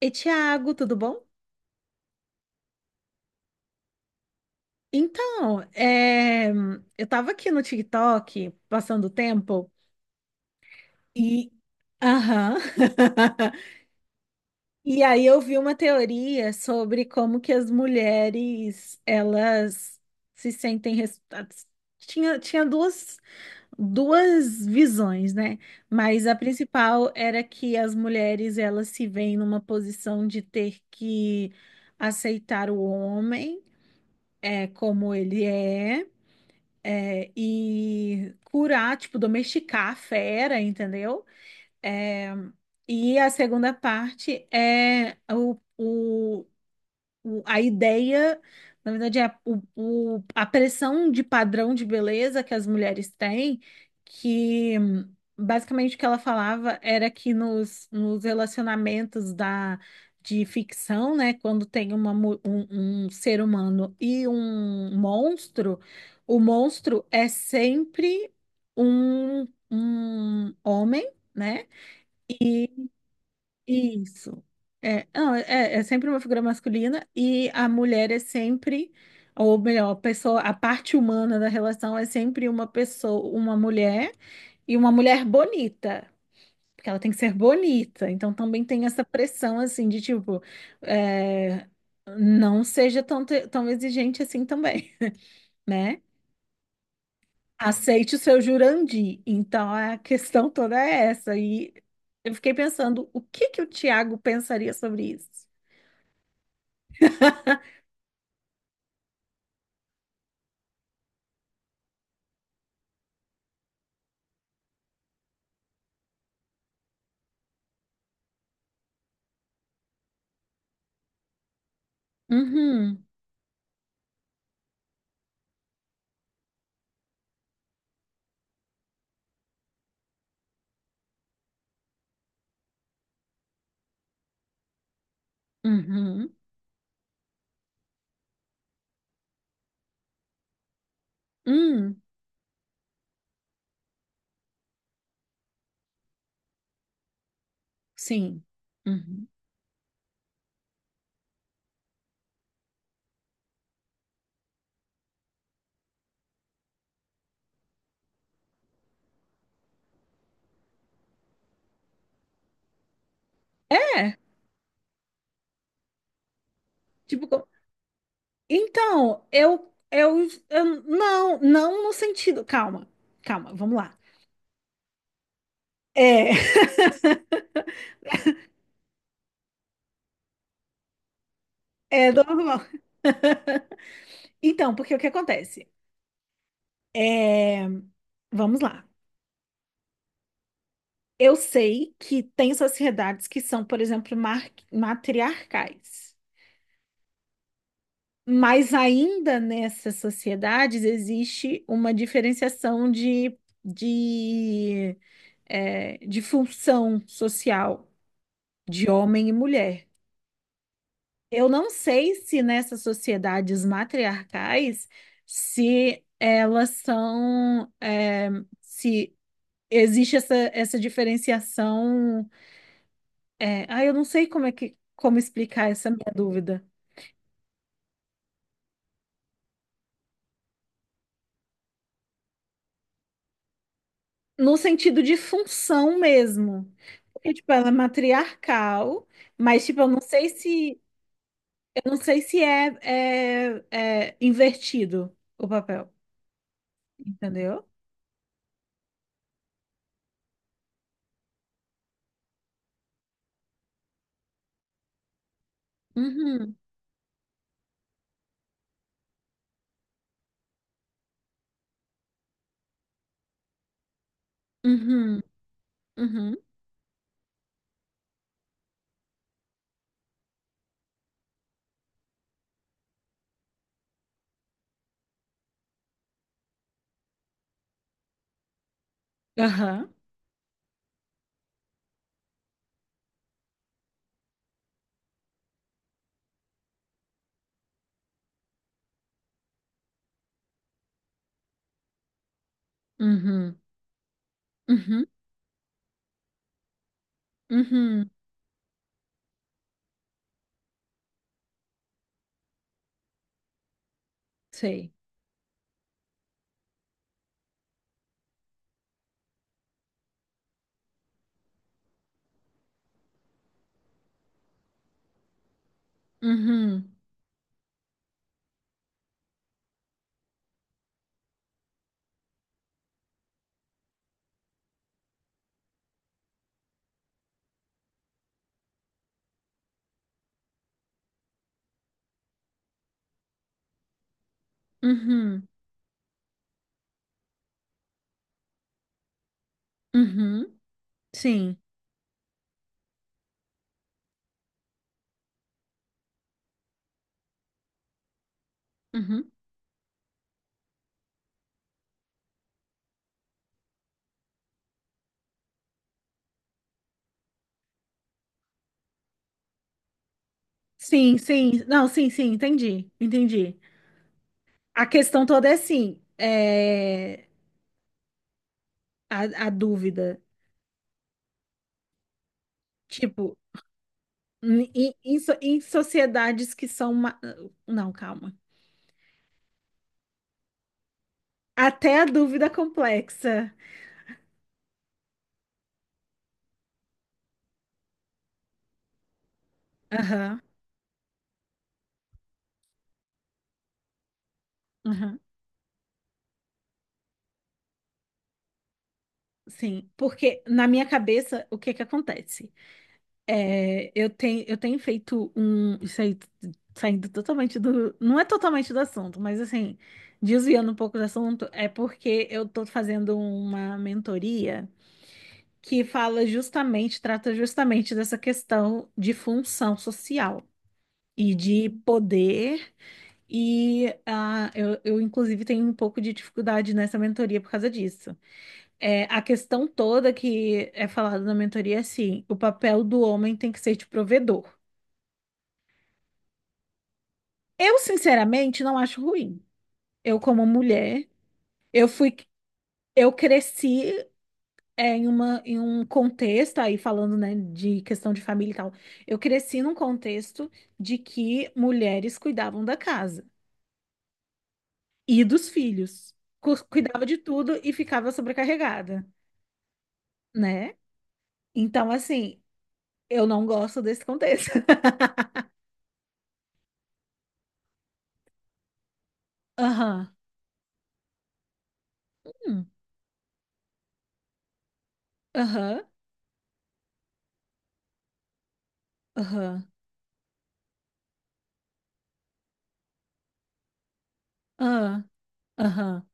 E Thiago, tudo bom? Então, é, eu tava aqui no TikTok, passando o tempo, e. Aham. E aí eu vi uma teoria sobre como que as mulheres, elas se sentem. Tinha duas, duas visões, né? Mas a principal era que as mulheres, elas se veem numa posição de ter que aceitar o homem, como ele é, e curar, tipo, domesticar a fera, entendeu? É, e a segunda parte é a ideia, na verdade, é a pressão de padrão de beleza que as mulheres têm, que basicamente o que ela falava era que nos relacionamentos de ficção, né, quando tem um ser humano e um monstro, o monstro é sempre um homem, né? Isso. É, não, é, é sempre uma figura masculina e a mulher é sempre, ou melhor, a pessoa, a parte humana da relação é sempre uma pessoa, uma mulher e uma mulher bonita, porque ela tem que ser bonita. Então também tem essa pressão assim de tipo, é, não seja tão exigente assim também, né? Aceite o seu Jurandi. Então a questão toda é essa. E eu fiquei pensando, o que que o Tiago pensaria sobre isso? Uhum, uhum, hum, sim. Uhum. É, tipo, co- então, não, não no sentido, calma, calma, vamos lá. É, é normal. Então, porque o que acontece? É, vamos lá. Eu sei que tem sociedades que são, por exemplo, matriarcais, mas ainda nessas sociedades existe uma diferenciação de de função social de homem e mulher. Eu não sei se nessas sociedades matriarcais, se elas são, é, se existe essa diferenciação. Eu não sei como explicar essa minha dúvida. No sentido de função mesmo. Porque, tipo, ela é matriarcal, mas tipo, eu não sei se é invertido o papel, entendeu? Uhum, uhum, uhum, aham, uhum, uhum, uhum, sei, uhum, uhum, uhum, sim, uhum, sim, sim, não, sim, sim, entendi, entendi. A questão toda é assim, é, A dúvida, tipo, em sociedades que são. Não, calma, até a dúvida complexa, aham, aham, sim, porque na minha cabeça, o que que acontece? Eu tenho feito um. Isso aí, saindo totalmente do. Não é totalmente do assunto, mas assim, desviando um pouco do assunto, é porque eu tô fazendo uma mentoria que fala justamente, trata justamente dessa questão de função social e de poder. E inclusive, tenho um pouco de dificuldade nessa mentoria por causa disso. É, a questão toda que é falada na mentoria é assim: o papel do homem tem que ser de provedor. Eu, sinceramente, não acho ruim. Eu, como mulher, eu fui, eu cresci em em um contexto, aí falando, né, de questão de família e tal, eu cresci num contexto de que mulheres cuidavam da casa e dos filhos. Cuidava de tudo e ficava sobrecarregada, né? Então, assim, eu não gosto desse contexto. Aham. Hum. Aham. Aham. Aham. Aham.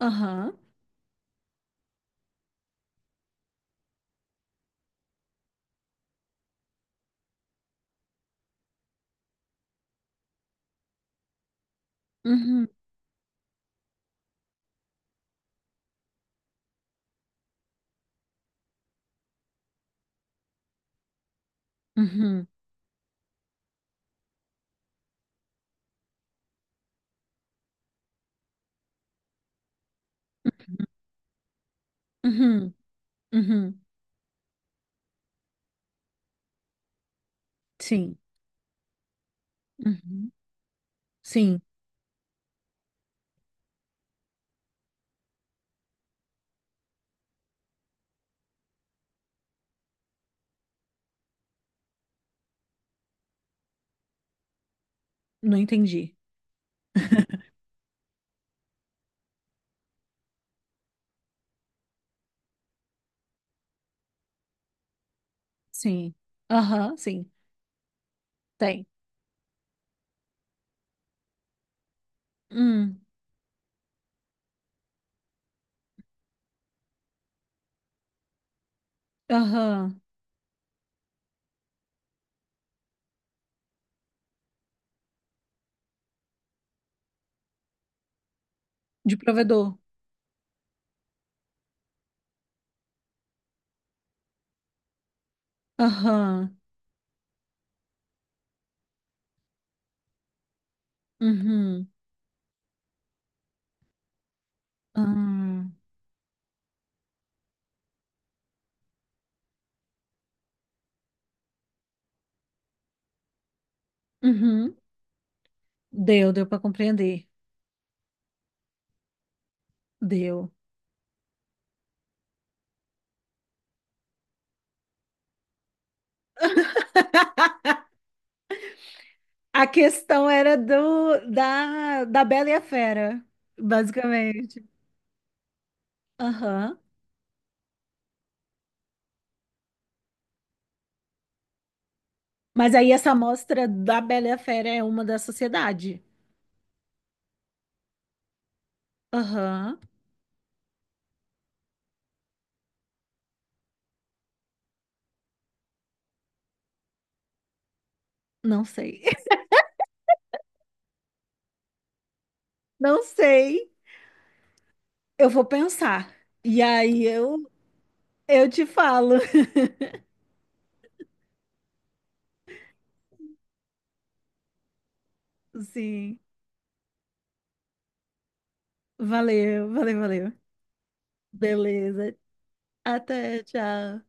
Aham. Uhum. Uhum. Uhum. Uhum. Sim. Uhum. Sim. Não entendi. Sim. Aham, sim. Tem. Hum. Aham. De provedor. Aham. Uhum. Ah. Uhum. Deu, deu para compreender. Deu. A questão era da Bela e a Fera, basicamente. Aham. Mas aí essa amostra da Bela e a Fera é uma da sociedade. Aham. Não sei. Não sei. Eu vou pensar. E aí eu te falo. Sim. Valeu, valeu, valeu. Beleza. Até, tchau.